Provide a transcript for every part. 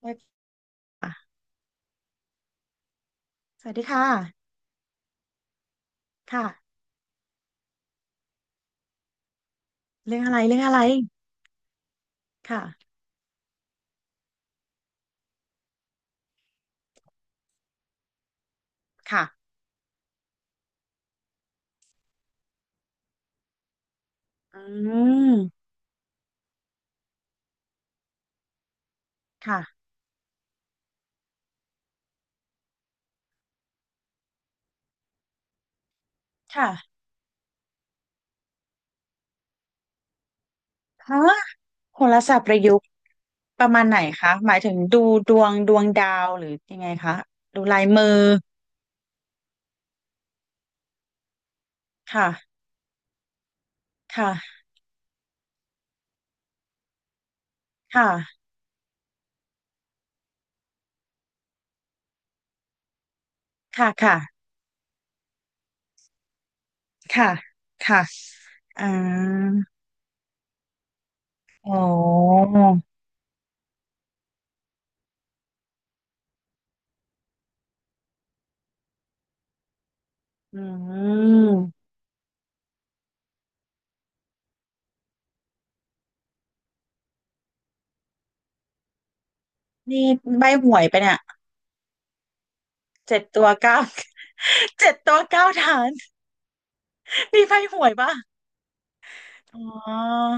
ได้ค่ะสวัสดีค่ะค่ะเรื่องอะไรเรื่องอะไร ค่ะ ค่ะอืมค่ะค่ะฮะโหราศาสตร์ประยุกต์ประมาณไหนคะ หมายถึงดูดวงดวงดาวหรือยังไงคะดูลายมือค่ะ ค่ะ ค่ะ ค่ะค่ะค่ะค่ะอ่าอ๋ออืมนี่ใบหวยไปะเนี่ยเจ็ดตัวเก้า เจ็ดตัวเก้าฐานมีใบหวยปะ อ๋อ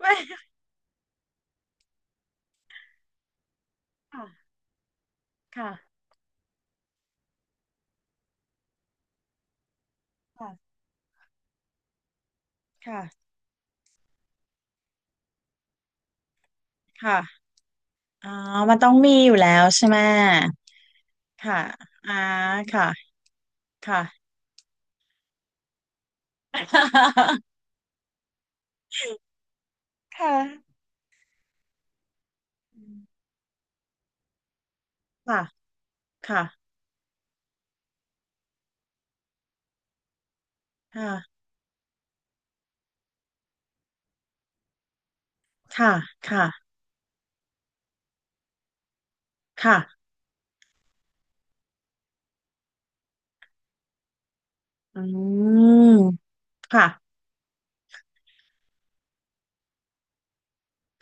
ไม่ ค่ะค่ะค่ะค่ะค่ะอ๋อมันต้องมีอยู่แล้วใช่ไหมค่ะอ่าค่ะค่ะค่ะอค่ะค่ะค่ะค่ะค่ะค่ะอืมค่ะ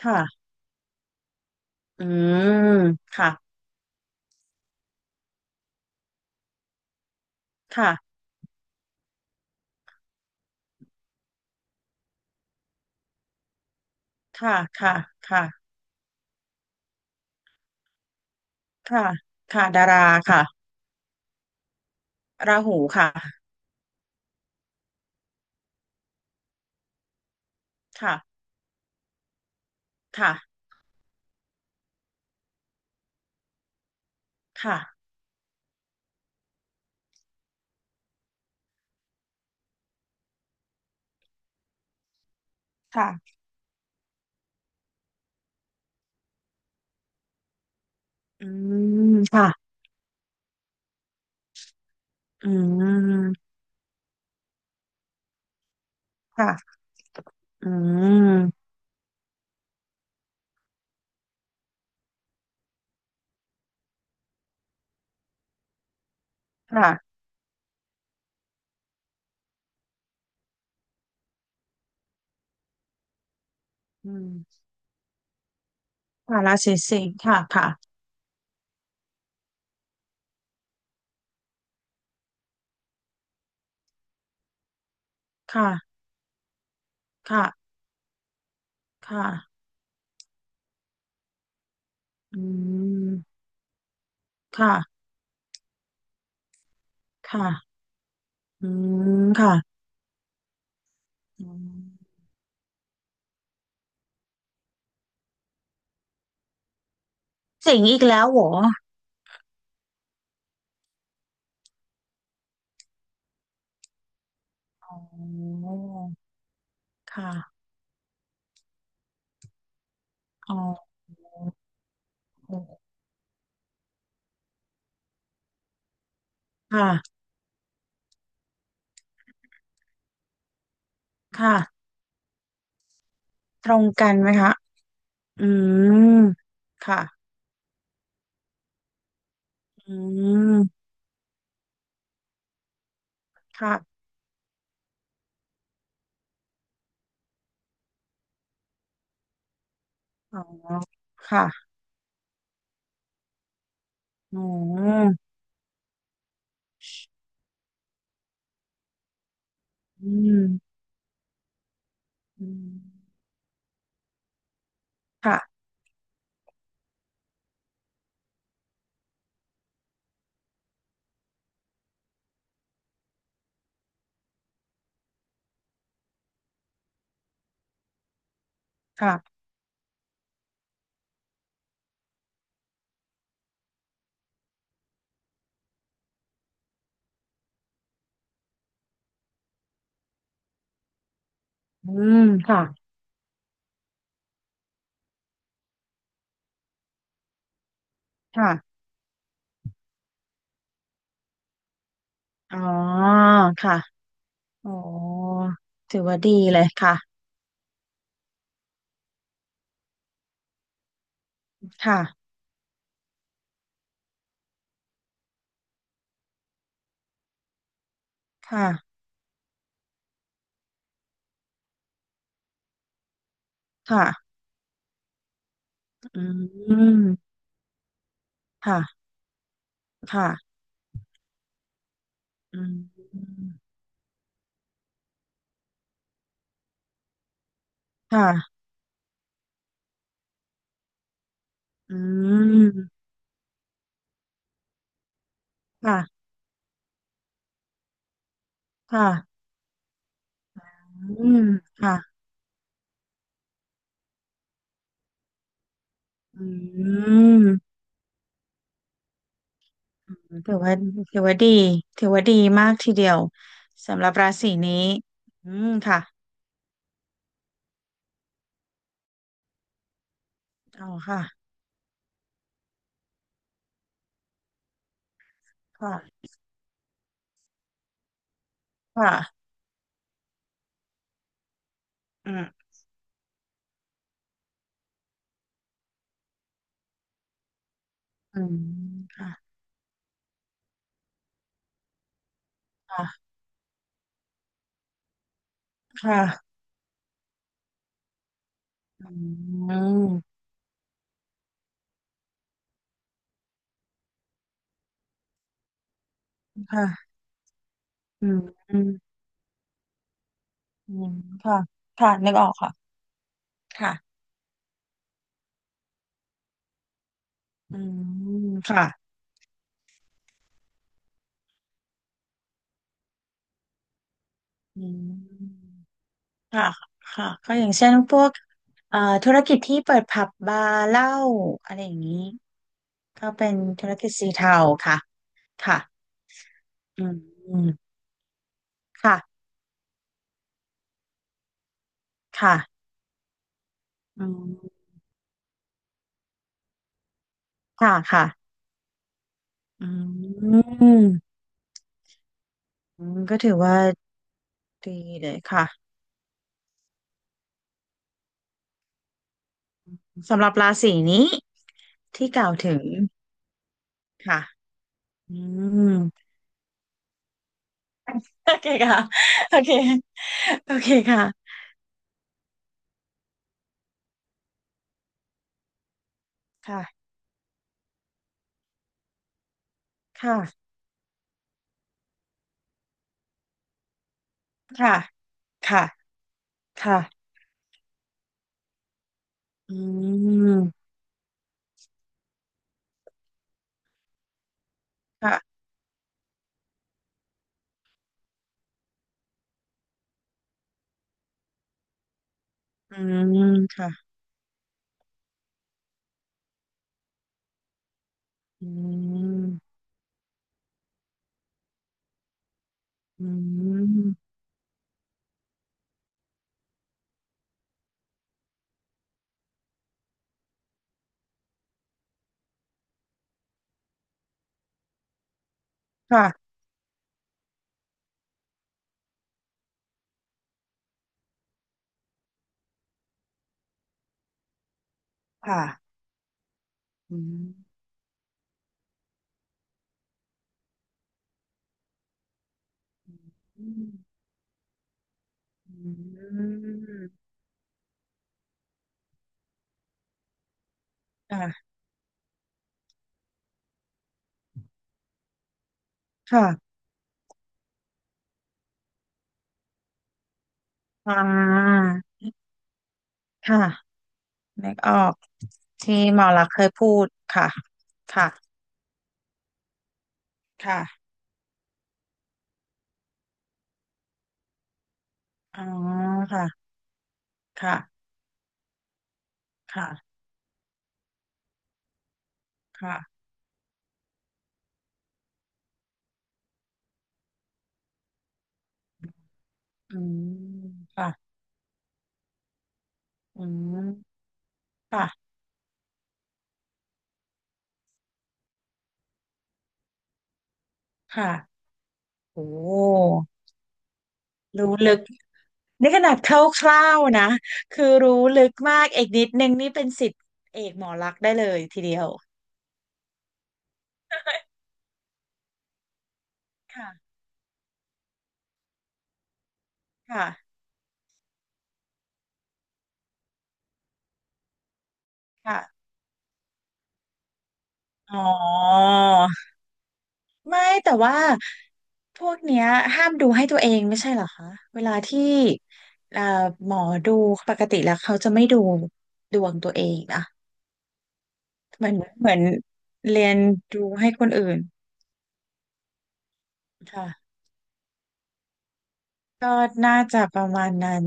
ค่ะอืมค่ะค่ะค่ะค่ะค่ะค่ะค่ะดาราค่ะราหูค่ะค่ะค่ะค่ะค่ะอืมค่ะอืมค่ะ อืมค่ะอืมค่ะราศีสิงค์ค่ะค่ะค่ะค่ะค่ะอืมค่ะค่ะอืมค่ะอืมสิงค์อีกแล้วเหรออ๋อค่ะอ๋อค่ะค่ะตรงกันไหมคะอืมค่ะอืมค่ะอ๋อค่ะอ๋ออืมอืมค่ะค่ะอืมค่ะค่ะอ๋อค่ะ อ๋อถือว่าดีเลยค่ะค่ะค่ะค่ะอืมค่ะค่ะอืมค่ะอืมค่ะค่ะอืมค่ะอืมถือว่าถือว่าดีถือว่าดีมากทีเดียวสำหรับราศีนี้อืมค่ะอ๋อค่ะค่ะค่ะอืมอืมค่ะค่ะค่ะอืมค่ะอืม อืมค่ะค่ะนึกออกค่ะค่ะอืมค่ะอืมค่ะค่ะก็อย่างเช่นพวกเอ่อธุรกิจที่เปิดผับบาร์เหล้าอะไรอย่างนี้ก็เป็นธุรกิจสีเทาค่ะ ค่ะอืมค่ะค่ะอืมค่ะค่ะอืมอืมก็ถือว่าดีเลยค่ะสำหรับราศีนี้ที่กล่าวถึงค่ะอืม โอเคค่ะโอเค โอเคค่ะค่ะค่ะค่ะค่ะค่ะอืมค่ะอืมค่ะอืมอืมค่ะค่ะอืมอืมอืมค่ะค่ะอ่าค่ะนึกออกที่หมอลักษณ์เคยพูดค่ะค่ะค่ะอ๋อค่ะค่ะค่ะค่ะอืมค่ะอืมค่ะ ค่ะ โอ้ รู้ลึกนี่ขนาดคร่าวๆนะ คือรู้ลึกมากเอกนิดนึงนี่เป็นศิษย์เอกหมอลักษณ์ได้เลยทีเดียวค่ะค่ะ ค่ะ อ๋อ ไม่แต่ว่าพวกเนี้ยห้ามดูให้ตัวเองไม่ใช่เหรอคะ เวลาที่เอ่อหมอดูปกติแล้วเขาจะไม่ดูดวงตัวเองนะเหมือนเหมือนเรียนดูให้คนอื่นค่ะก็น่าจะประมาณนั้น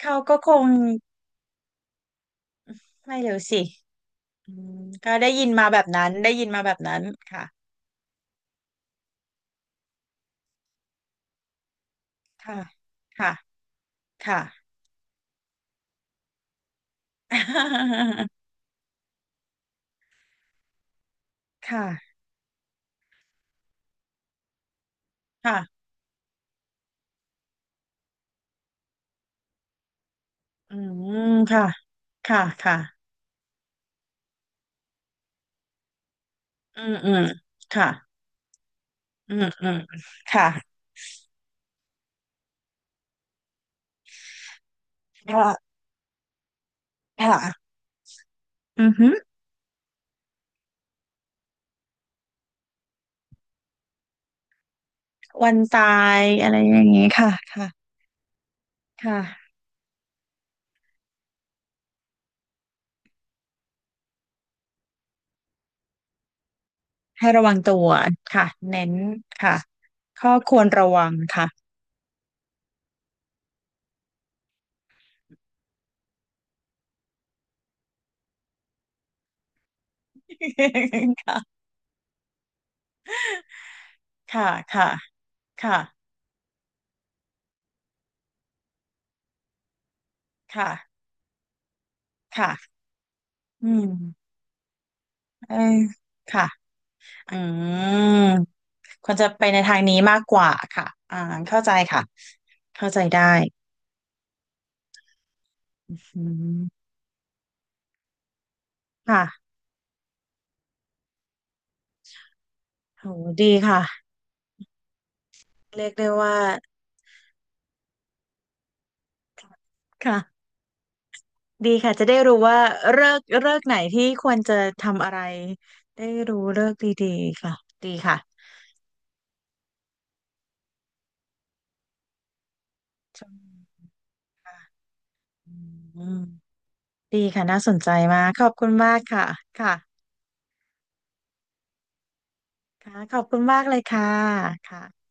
เขาก็คง ไม่เร็วสิอืมก็ได้ยินมาแบบนั้นได้ยินมาแบบนั้นค่ะค่ะค่ะค่ะ ค่ะค่ะอืมค่ะค่ะค่ะอืมอืมค่ะอืมอืมค่ะค่ะค่ะอือฮึวันตายอะไรอย่างงี้ค่ะค่ะค่ะให้ระวังตัวค่ะเน้นค่ะข้อควรระวังค่ะ ค่ะค่ะค่ะค่ะค่ะค่ะอืม เออค่ะอืมควรจะไปในทางนี้มากกว่าค่ะอ่าเข้าใจค่ะ เข้าใจได้อืมค่ะโหดีค่ะเรียกได้ว่า ค่ะดีค่ะ จะได้รู้ว่าเลิกเลิกไหนที่ควรจะทำอะไรได้รู้เลิกดีๆค่ะดีค่ะชมค่ะอืมดีค่ะน่าสนใจมาก ขอบคุณมากค่ะ ค่ะค่ะขอบคุณมากเลยค่ะค่ะ